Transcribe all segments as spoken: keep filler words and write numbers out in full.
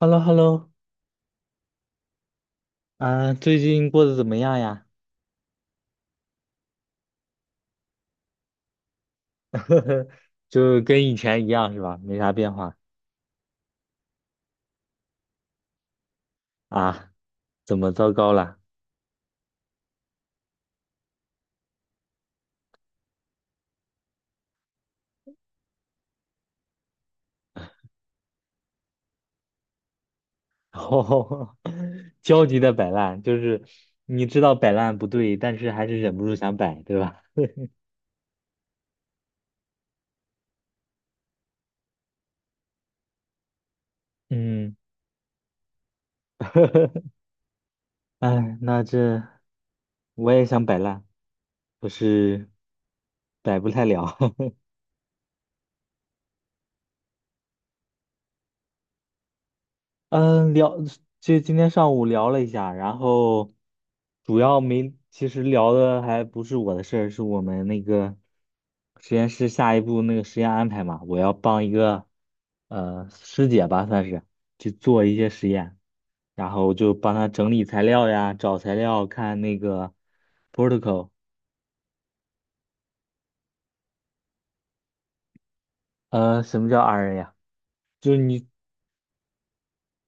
h e l l o h e l l o 啊，最近过得怎么样呀？就跟以前一样是吧？没啥变化啊？怎么糟糕了？哦，焦急的摆烂，就是你知道摆烂不对，但是还是忍不住想摆，对吧？嗯。哎，那这我也想摆烂，可是摆不太了。嗯，聊，就今天上午聊了一下。然后主要没，其实聊的还不是我的事儿，是我们那个实验室下一步那个实验安排嘛。我要帮一个呃师姐吧，算是去做一些实验，然后就帮她整理材料呀，找材料，看那个 protocol。呃，什么叫 R N 呀？就是你，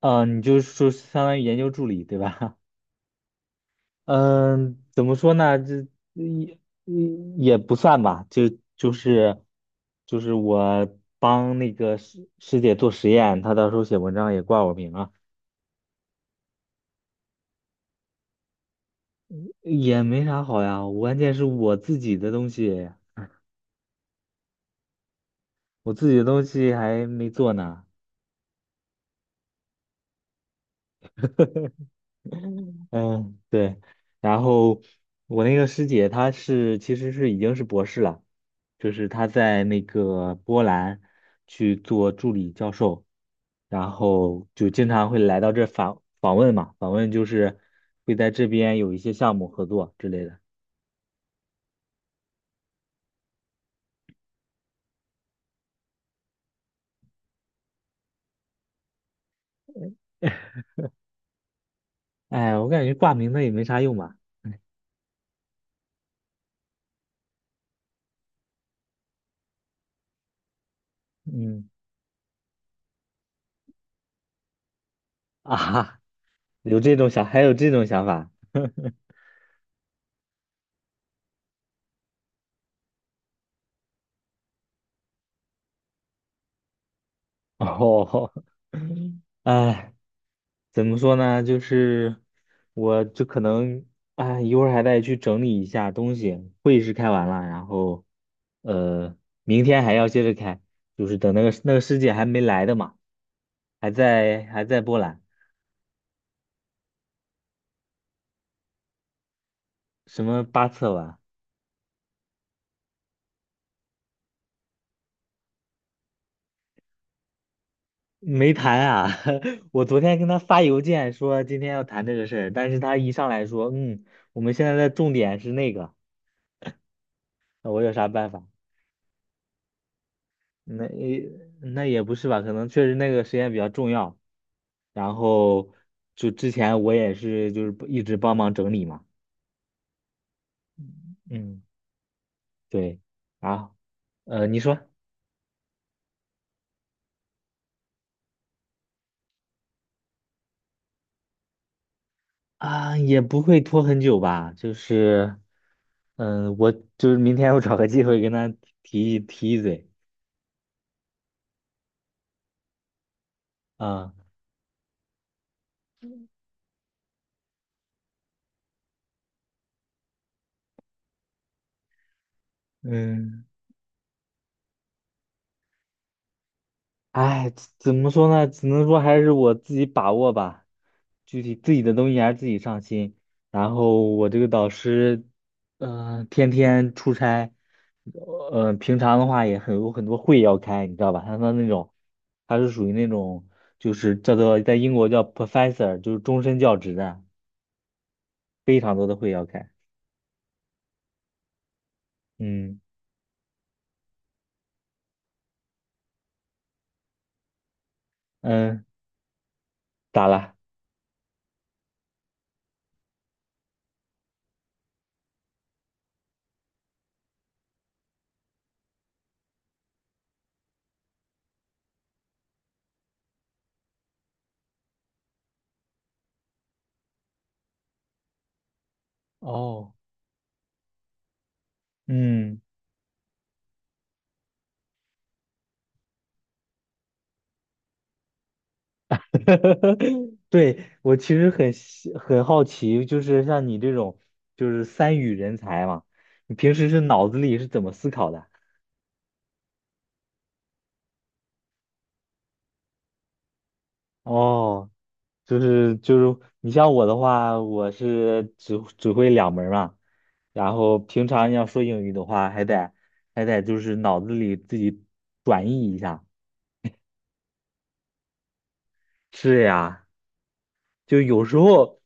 呃，你就是说相当于研究助理，对吧？嗯，怎么说呢？这也嗯也不算吧。就就是就是我帮那个师师姐做实验，她到时候写文章也挂我名啊。也没啥好呀。关键是我自己的东西，我自己的东西还没做呢。嗯，对。然后我那个师姐，她是其实是已经是博士了。就是她在那个波兰去做助理教授，然后就经常会来到这访访问嘛。访问就是会在这边有一些项目合作之类的。哎，我感觉挂名的也没啥用吧。嗯啊哈，有这种想，还有这种想法。哦。哎。怎么说呢？就是我就可能啊，一会儿还得去整理一下东西。会议室开完了，然后呃，明天还要接着开。就是等那个那个师姐还没来的嘛，还在还在波兰。什么八策完？没谈啊。我昨天跟她发邮件说今天要谈这个事儿，但是她一上来说，嗯，我们现在的重点是那个。那我有啥办法？那也那也不是吧，可能确实那个时间比较重要。然后就之前我也是就是一直帮忙整理嘛。嗯，对，啊。呃，你说。啊，也不会拖很久吧。就是，嗯，我就是明天我找个机会跟他提一提一嘴。啊，嗯，哎，怎怎么说呢？只能说还是我自己把握吧。具体自己的东西还是自己上心。然后我这个导师，嗯、天天出差。呃，平常的话也很有很多会要开，你知道吧？他的那种，他是属于那种，就是叫做在英国叫 professor，就是终身教职的，非常多的会要开。嗯嗯，咋了？哦，嗯。对，我其实很希很好奇，就是像你这种就是三语人才嘛，你平时是脑子里是怎么思考的？哦，就是就是你像我的话，我是只只会两门儿嘛。然后平常要说英语的话，还得还得就是脑子里自己转译一下。是呀，就有时候。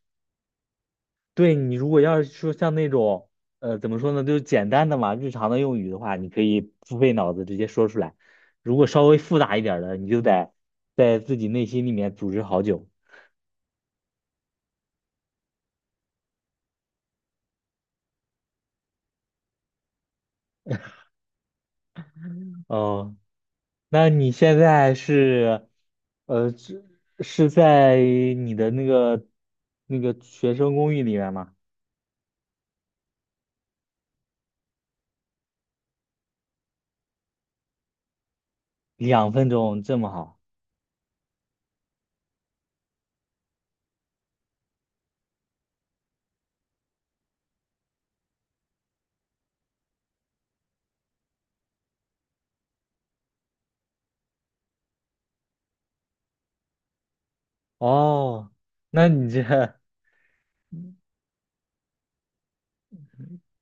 对你如果要是说像那种，呃，怎么说呢，就是简单的嘛，日常的用语的话，你可以不费脑子直接说出来。如果稍微复杂一点儿的，你就得在自己内心里面组织好久。哦，那你现在是，呃，是是在你的那个那个学生公寓里面吗？两分钟这么好？哦，那你这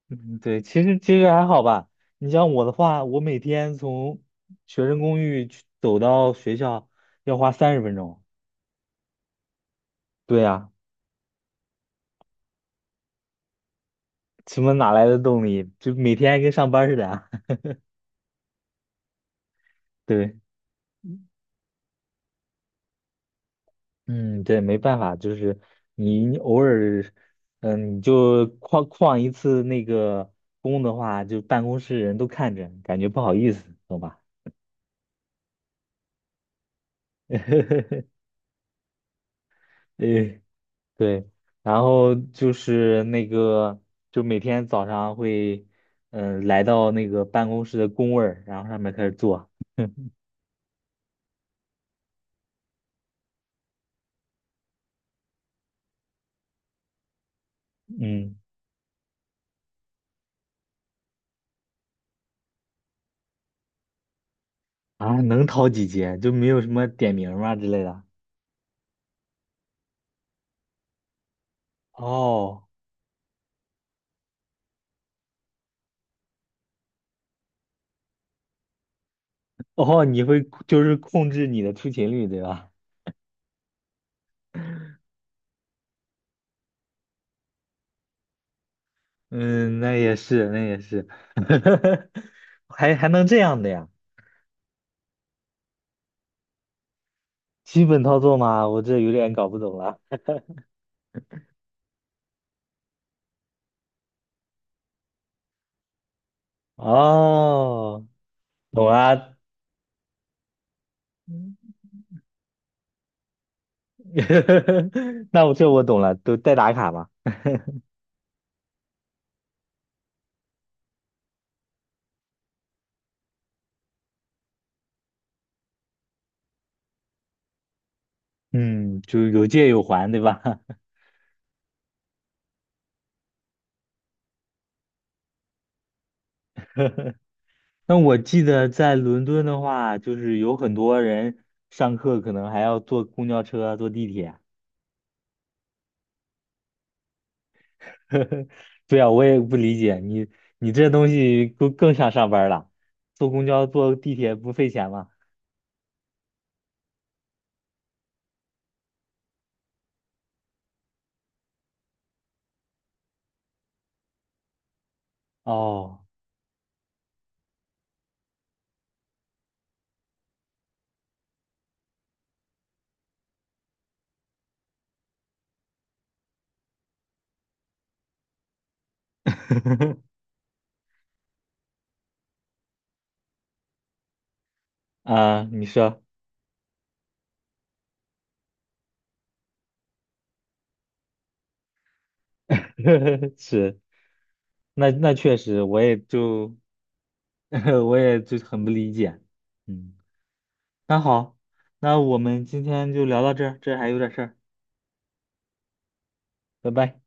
嗯，对，其实其实还好吧。你像我的话，我每天从学生公寓去走到学校要花三十分钟。对呀，什么哪来的动力？就每天跟上班似的啊。对，嗯，对，没办法。就是你你偶尔，嗯，你就旷旷一次那个工的话，就办公室人都看着，感觉不好意思，懂吧？呃对。然后就是那个，就每天早上会，嗯、来到那个办公室的工位儿，然后上面开始做。嗯，啊，能逃几节？就没有什么点名儿吗之类的？哦。哦，你会就是控制你的出勤率，对吧？嗯，那也是，那也是。还还能这样的呀？基本操作吗？我这有点搞不懂了。哦，懂了。那我这我懂了，都代打卡嘛。嗯，就有借有还，对吧？那我记得在伦敦的话，就是有很多人上课可能还要坐公交车啊、坐地铁啊。对啊，我也不理解你，你这东西更更像上班了，坐公交、坐地铁不费钱吗？哦，啊，你说。是，那那确实，我也就。我也就很不理解，嗯。那好，那我们今天就聊到这儿，这儿还有点事儿，拜拜。